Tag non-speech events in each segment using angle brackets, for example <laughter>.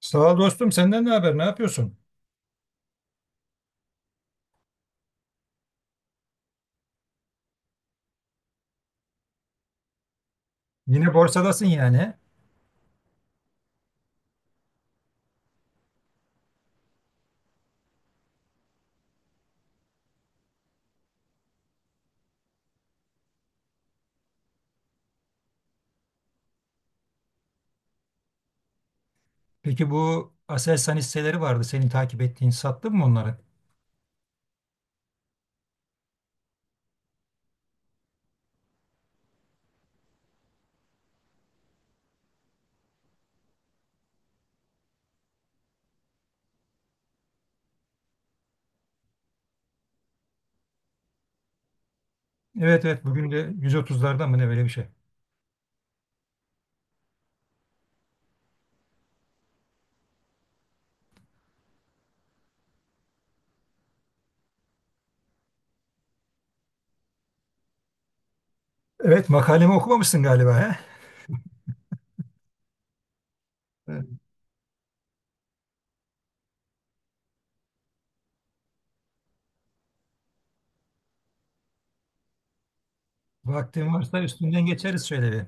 Sağ ol dostum. Senden ne haber? Ne yapıyorsun? Yine borsadasın yani. Peki, bu Aselsan hisseleri vardı. Senin takip ettiğin. Sattın mı onları? Evet. Bugün de 130'larda mı ne, böyle bir şey. Evet, makalemi okumamışsın galiba, he? Evet. Vaktin varsa üstünden geçeriz şöyle bir.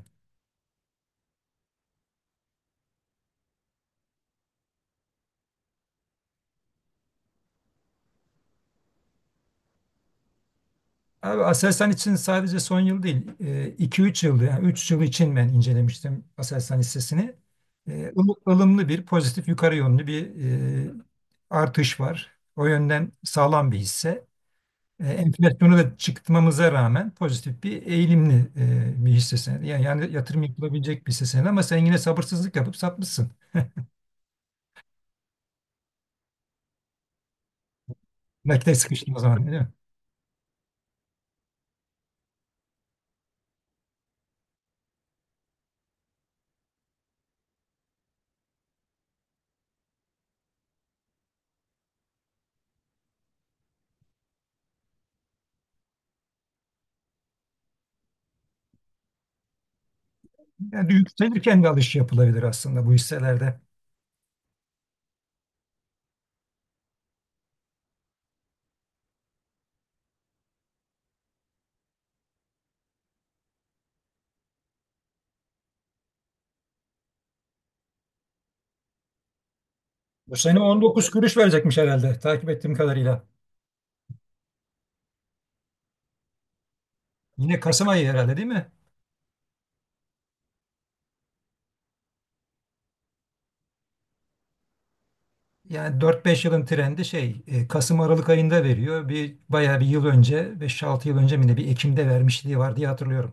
Abi, Aselsan için sadece son yıl değil, iki üç yıldı. Yani 3 yıl için ben incelemiştim Aselsan hissesini. E, ılım- ılımlı bir pozitif yukarı yönlü bir e, artış var. O yönden sağlam bir hisse. Enflasyonu da çıktmamıza rağmen pozitif bir eğilimli bir hisse senedi. Yani yatırım yapılabilecek bir hisse senedi ama sen yine sabırsızlık yapıp satmışsın. Nakite sıkıştın o zaman, değil mi? Yani yükselirken de alış yapılabilir aslında bu hisselerde. Bu sene 19 kuruş verecekmiş herhalde, takip ettiğim kadarıyla. Yine Kasım ayı herhalde, değil mi? Yani 4-5 yılın trendi şey Kasım Aralık ayında veriyor. Bir bayağı bir yıl önce 5-6 yıl önce mi ne, bir Ekim'de vermişliği var diye hatırlıyorum.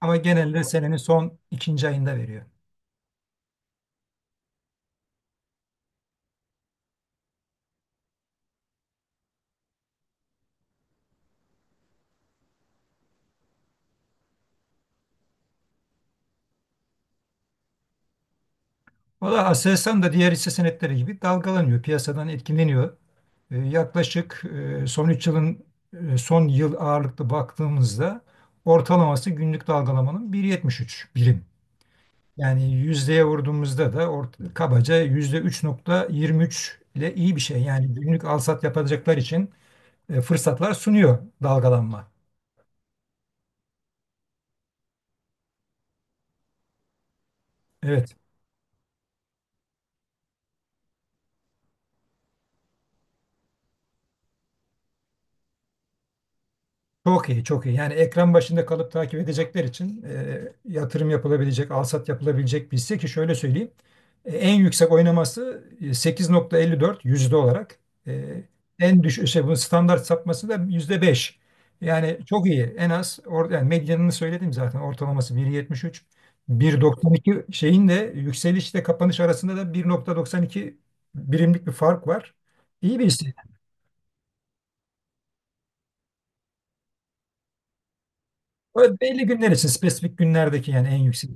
Ama genelde senenin son ikinci ayında veriyor. Valla, Aselsan da diğer hisse senetleri gibi dalgalanıyor, piyasadan etkileniyor. Yaklaşık son 3 yılın, son yıl ağırlıklı baktığımızda ortalaması günlük dalgalamanın 1,73 birim. Yani yüzdeye vurduğumuzda da kabaca %3,23 ile iyi bir şey. Yani günlük alsat yapacaklar için fırsatlar sunuyor dalgalanma. Evet. Çok iyi, çok iyi. Yani ekran başında kalıp takip edecekler için yatırım yapılabilecek, alsat yapılabilecek bir hisse, ki şöyle söyleyeyim. En yüksek oynaması %8,54 olarak. E, en düşük şey, bunun standart sapması da %5. Yani çok iyi. Yani medyanını söyledim zaten, ortalaması 1,73. 1,92 şeyin de yükselişle kapanış arasında da 1,92 birimlik bir fark var. İyi bir hisse. Böyle belli günler için, spesifik günlerdeki yani en yüksek.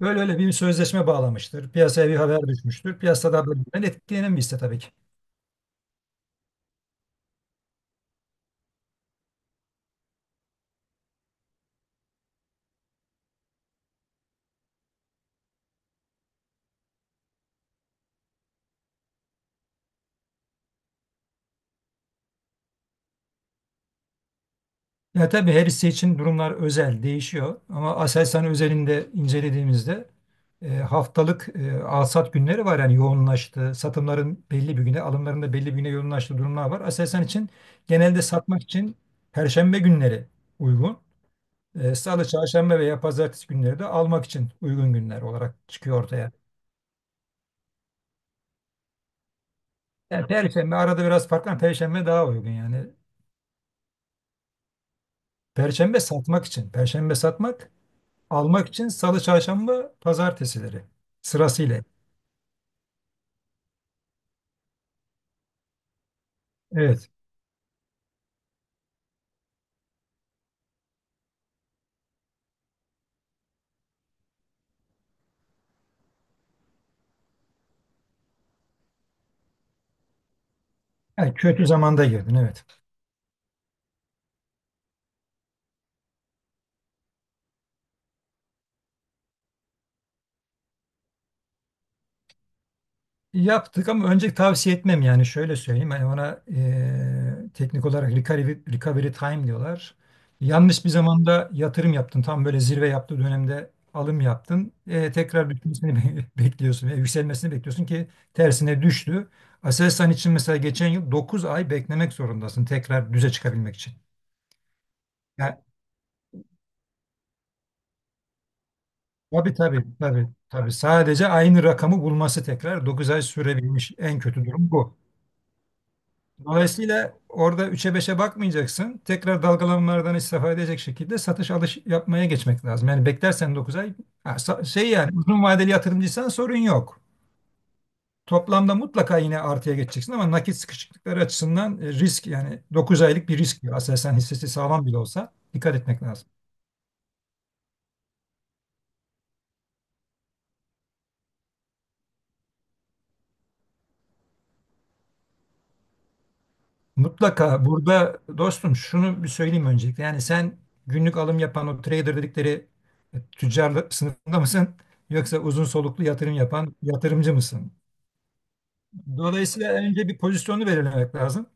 Öyle, öyle bir sözleşme bağlamıştır. Piyasaya bir haber düşmüştür. Piyasada bölümden etkilenen bir hisse, tabii ki. Ya tabii, her hisse için durumlar özel, değişiyor. Ama Aselsan özelinde incelediğimizde haftalık alsat günleri var. Yani yoğunlaştı. Satımların belli bir güne, alımların da belli bir güne yoğunlaştığı durumlar var. Aselsan için genelde satmak için Perşembe günleri uygun. Salı, Çarşamba veya Pazartesi günleri de almak için uygun günler olarak çıkıyor ortaya. Yani Perşembe arada biraz farklı ama Perşembe daha uygun yani. Perşembe satmak için. Perşembe satmak, almak için Salı, Çarşamba, Pazartesileri sırasıyla. Evet. Yani kötü zamanda girdin, evet. Yaptık ama önce tavsiye etmem, yani şöyle söyleyeyim. Hani ona teknik olarak recovery time diyorlar. Yanlış bir zamanda yatırım yaptın. Tam böyle zirve yaptığı dönemde alım yaptın. Tekrar düşmesini <laughs> bekliyorsun. Veya yükselmesini bekliyorsun ki tersine düştü. Aselsan için mesela geçen yıl 9 ay beklemek zorundasın tekrar düze çıkabilmek için. Yani tabii, tabii, tabii, tabii. Sadece aynı rakamı bulması tekrar 9 ay sürebilmiş, en kötü durum bu. Dolayısıyla orada üç'e beşe bakmayacaksın. Tekrar dalgalanmalardan istifade edecek şekilde satış alış yapmaya geçmek lazım. Yani beklersen 9 ay, şey, yani uzun vadeli yatırımcıysan sorun yok. Toplamda mutlaka yine artıya geçeceksin ama nakit sıkışıklıkları açısından risk, yani 9 aylık bir risk. Aslında sen, hissesi sağlam bile olsa dikkat etmek lazım. Mutlaka burada dostum şunu bir söyleyeyim öncelikle. Yani sen günlük alım yapan o trader dedikleri tüccar sınıfında mısın? Yoksa uzun soluklu yatırım yapan yatırımcı mısın? Dolayısıyla önce bir pozisyonu belirlemek lazım.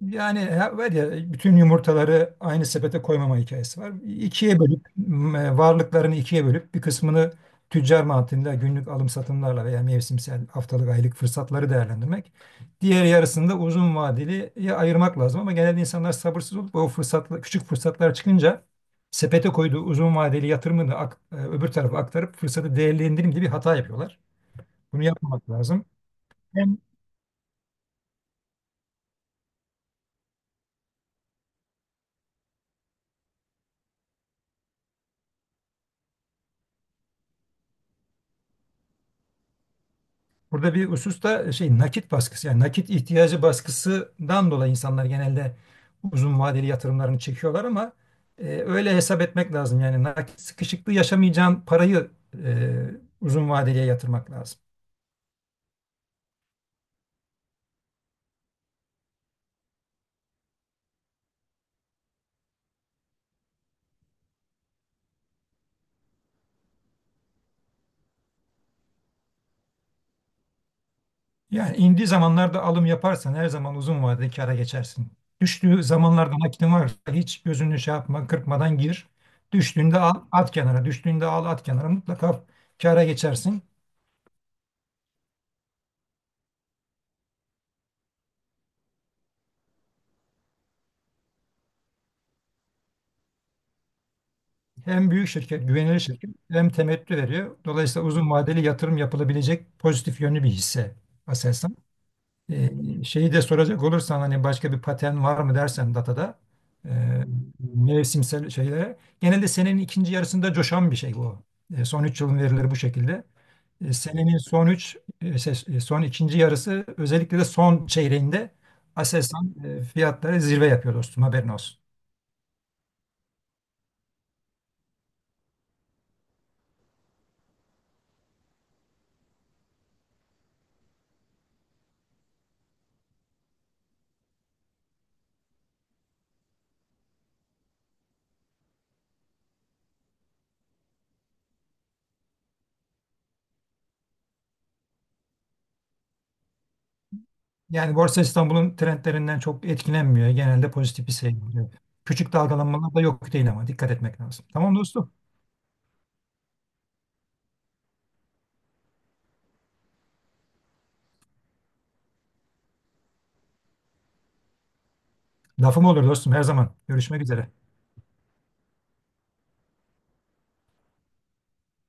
Yani var ya, bütün yumurtaları aynı sepete koymama hikayesi var. İkiye bölüp varlıklarını ikiye bölüp bir kısmını tüccar mantığında günlük alım satımlarla veya mevsimsel, haftalık, aylık fırsatları değerlendirmek. Diğer yarısını da uzun vadeli ya ayırmak lazım ama genelde insanlar sabırsız olup o fırsatla, küçük fırsatlar çıkınca sepete koyduğu uzun vadeli yatırımını öbür tarafa aktarıp fırsatı değerlendireyim diye bir hata yapıyorlar. Bunu yapmamak lazım. Burada bir husus da şey, nakit baskısı, yani nakit ihtiyacı baskısından dolayı insanlar genelde uzun vadeli yatırımlarını çekiyorlar ama öyle hesap etmek lazım. Yani nakit sıkışıklığı yaşamayacağın parayı e, uzun vadeliye yatırmak lazım. Yani indiği zamanlarda alım yaparsan her zaman uzun vadede kâra geçersin. Düştüğü zamanlarda nakitin varsa hiç gözünü şey yapma, kırpmadan gir. Düştüğünde al, at kenara; düştüğünde al, at kenara, mutlaka kâra geçersin. Hem büyük şirket, güvenilir şirket, hem temettü veriyor. Dolayısıyla uzun vadeli yatırım yapılabilecek pozitif yönlü bir hisse Aselsan. Ee, şeyi de soracak olursan, hani başka bir patern var mı dersen datada, e, mevsimsel şeylere. Genelde senenin ikinci yarısında coşan bir şey bu. Son 3 yılın verileri bu şekilde. Senenin son ikinci yarısı, özellikle de son çeyreğinde, Aselsan fiyatları zirve yapıyor dostum, haberin olsun. Yani Borsa İstanbul'un trendlerinden çok etkilenmiyor. Genelde pozitif bir seyrediyor. Küçük dalgalanmalar da yok değil ama dikkat etmek lazım. Tamam dostum. Lafım olur dostum, her zaman. Görüşmek üzere.